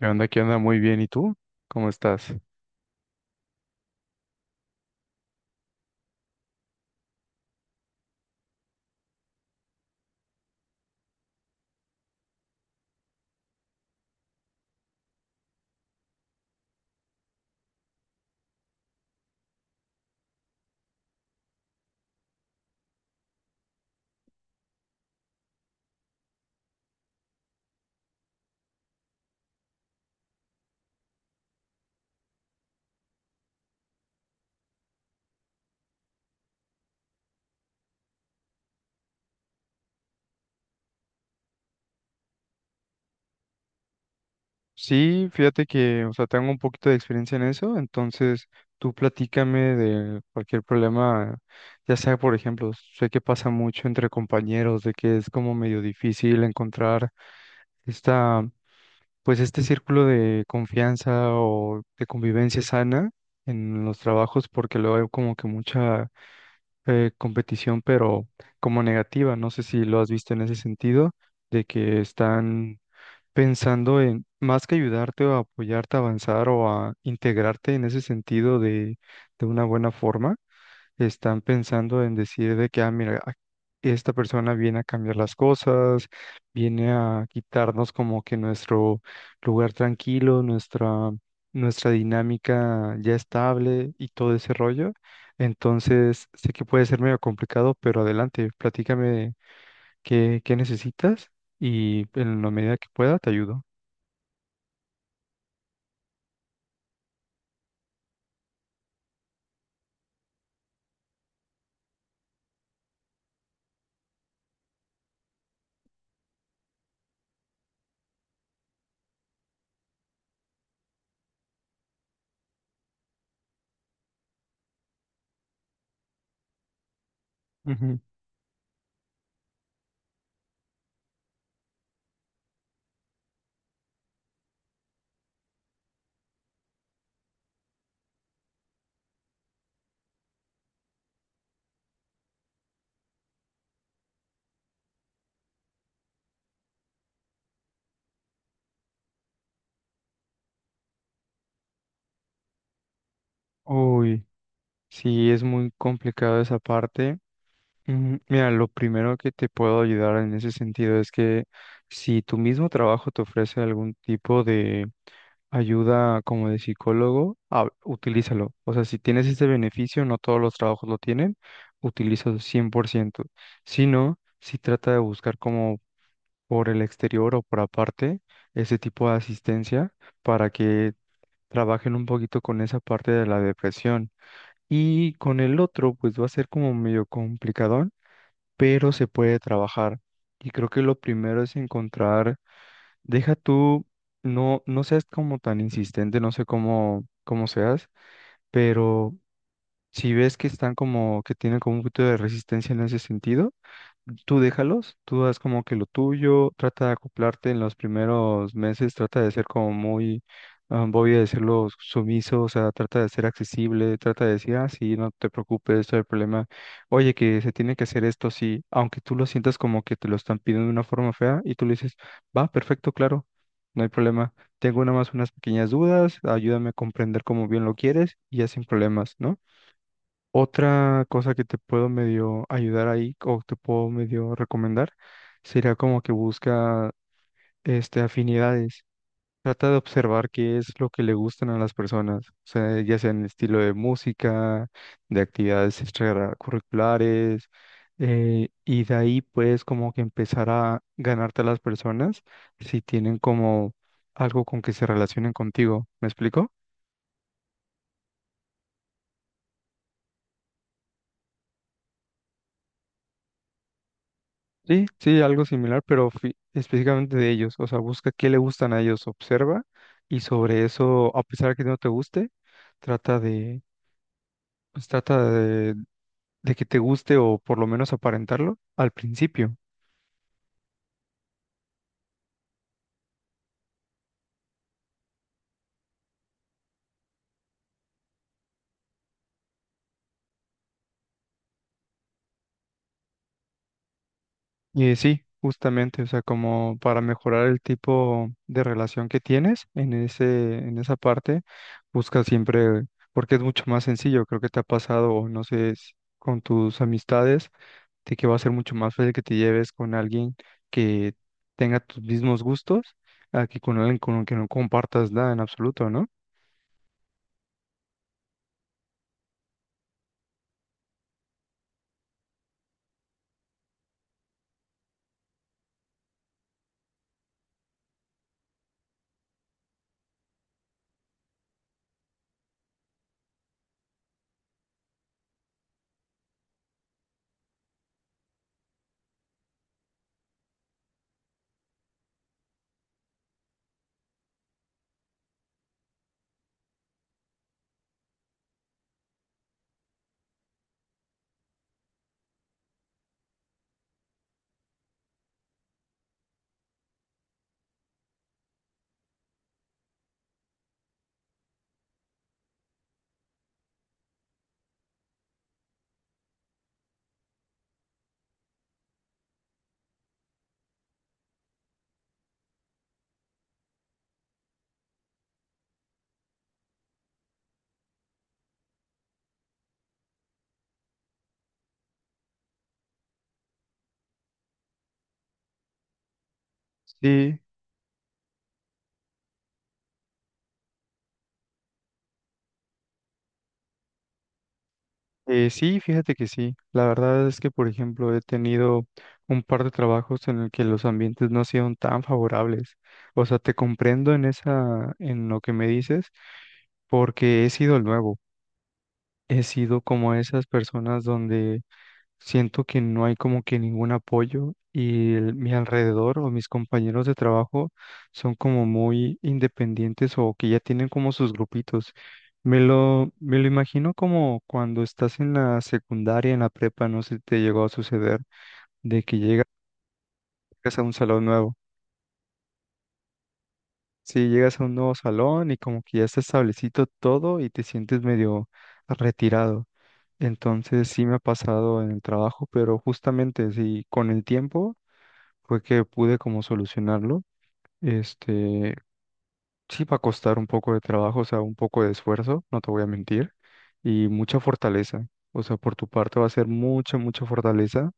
¿Qué onda? ¿Qué onda? Muy bien. ¿Y tú? ¿Cómo estás? Sí, fíjate que, o sea, tengo un poquito de experiencia en eso, entonces tú platícame de cualquier problema, ya sea, por ejemplo, sé que pasa mucho entre compañeros, de que es como medio difícil encontrar esta, pues este círculo de confianza o de convivencia sana en los trabajos, porque luego hay como que mucha competición, pero como negativa, no sé si lo has visto en ese sentido de que están pensando en, más que ayudarte o apoyarte a avanzar o a integrarte en ese sentido de una buena forma, están pensando en decir de que, ah, mira, esta persona viene a cambiar las cosas, viene a quitarnos como que nuestro lugar tranquilo, nuestra dinámica ya estable y todo ese rollo. Entonces, sé que puede ser medio complicado, pero adelante, platícame qué necesitas y en la medida que pueda te ayudo. Ujú. Uy, sí, es muy complicado esa parte. Ujú. Mira, lo primero que te puedo ayudar en ese sentido es que si tu mismo trabajo te ofrece algún tipo de ayuda como de psicólogo, ah, utilízalo. O sea, si tienes ese beneficio, no todos los trabajos lo tienen, utilízalo cien por ciento. Si no, si trata de buscar como por el exterior o por aparte ese tipo de asistencia para que trabajen un poquito con esa parte de la depresión. Y con el otro, pues va a ser como medio complicadón, pero se puede trabajar. Y creo que lo primero es encontrar, deja tú, no, no seas como tan insistente, no sé cómo seas, pero si ves que están como, que tienen como un poquito de resistencia en ese sentido, tú déjalos, tú haz como que lo tuyo, trata de acoplarte en los primeros meses, trata de ser como muy, ah, voy a decirlo, sumiso, o sea, trata de ser accesible, trata de decir, ah, sí, no te preocupes, esto es el problema, oye, que se tiene que hacer esto, sí, aunque tú lo sientas como que te lo están pidiendo de una forma fea y tú le dices, va, perfecto, claro, no hay problema, tengo nada más unas pequeñas dudas, ayúdame a comprender cómo bien lo quieres y ya sin problemas, ¿no? Otra cosa que te puedo medio ayudar ahí o te puedo medio recomendar sería como que busca este afinidades. Trata de observar qué es lo que le gustan a las personas, o sea, ya sea en el estilo de música, de actividades extracurriculares, y de ahí puedes como que empezar a ganarte a las personas si tienen como algo con que se relacionen contigo. ¿Me explico? Sí, sí, algo similar, pero específicamente de ellos. O sea, busca qué le gustan a ellos, observa y sobre eso, a pesar de que no te guste, trata de, pues trata de que te guste o por lo menos aparentarlo al principio. Y sí, justamente, o sea, como para mejorar el tipo de relación que tienes en en esa parte, busca siempre, porque es mucho más sencillo. Creo que te ha pasado, o no sé, con tus amistades de que va a ser mucho más fácil que te lleves con alguien que tenga tus mismos gustos a que con alguien con el que no compartas nada en absoluto, ¿no? Sí, sí, fíjate que sí. La verdad es que, por ejemplo, he tenido un par de trabajos en el que los ambientes no han sido tan favorables. O sea, te comprendo en esa, en lo que me dices, porque he sido el nuevo. He sido como esas personas donde siento que no hay como que ningún apoyo y mi alrededor o mis compañeros de trabajo son como muy independientes o que ya tienen como sus grupitos. Me lo imagino como cuando estás en la secundaria, en la prepa, no sé si te llegó a suceder, de que llegas a un salón nuevo. Sí, llegas a un nuevo salón y como que ya está establecido todo y te sientes medio retirado. Entonces sí me ha pasado en el trabajo, pero justamente sí, con el tiempo fue que pude como solucionarlo. Este, sí va a costar un poco de trabajo, o sea, un poco de esfuerzo, no te voy a mentir, y mucha fortaleza. O sea, por tu parte va a ser mucha, mucha fortaleza,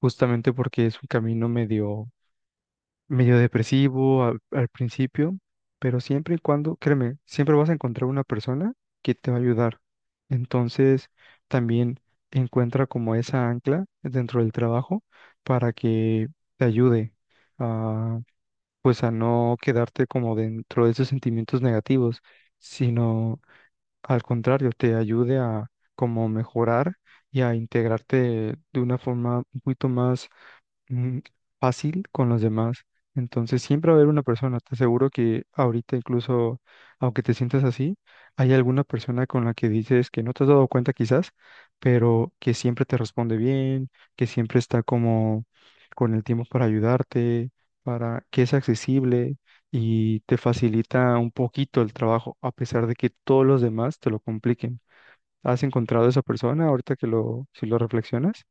justamente porque es un camino medio depresivo al principio, pero siempre y cuando, créeme, siempre vas a encontrar una persona que te va a ayudar. Entonces, también encuentra como esa ancla dentro del trabajo para que te ayude, pues a no quedarte como dentro de esos sentimientos negativos, sino al contrario, te ayude a como mejorar y a integrarte de una forma un poquito más mm, fácil con los demás. Entonces siempre va a haber una persona. Te aseguro que ahorita incluso, aunque te sientas así, hay alguna persona con la que dices que no te has dado cuenta quizás, pero que siempre te responde bien, que siempre está como con el tiempo para ayudarte, para que es accesible y te facilita un poquito el trabajo, a pesar de que todos los demás te lo compliquen. ¿Has encontrado esa persona ahorita que lo, si lo reflexionas?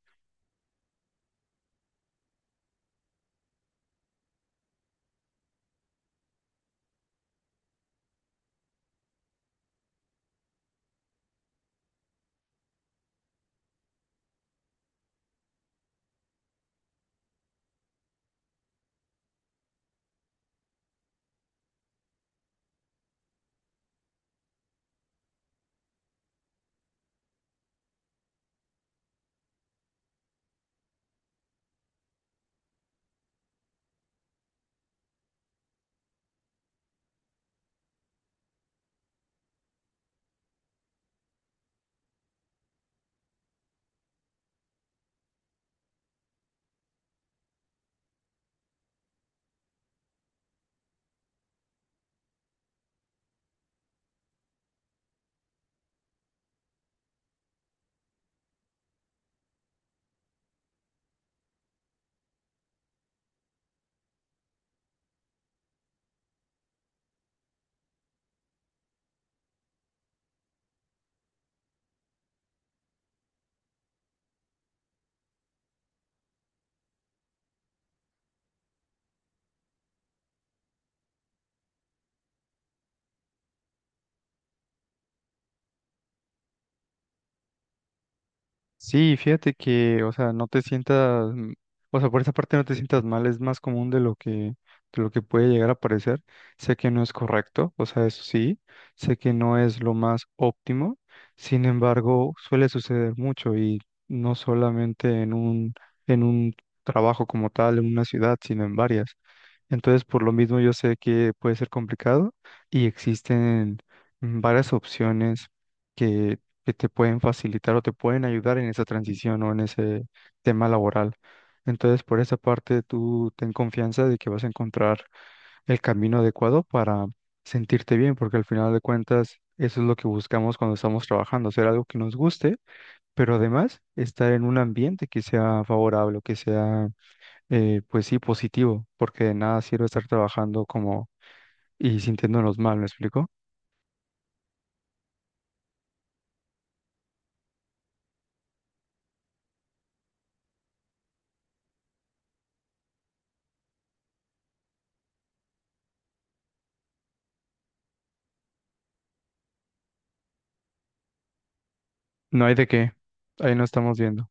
Sí, fíjate que, o sea, no te sientas, o sea, por esa parte no te sientas mal, es más común de lo de lo que puede llegar a parecer. Sé que no es correcto, o sea, eso sí, sé que no es lo más óptimo, sin embargo, suele suceder mucho y no solamente en en un trabajo como tal, en una ciudad, sino en varias. Entonces, por lo mismo, yo sé que puede ser complicado y existen varias opciones que te pueden facilitar o te pueden ayudar en esa transición o en ese tema laboral. Entonces, por esa parte, tú ten confianza de que vas a encontrar el camino adecuado para sentirte bien, porque al final de cuentas, eso es lo que buscamos cuando estamos trabajando, hacer algo que nos guste, pero además estar en un ambiente que sea favorable o que sea, pues sí, positivo, porque de nada sirve estar trabajando como y sintiéndonos mal, ¿me explico? No hay de qué, ahí no estamos viendo.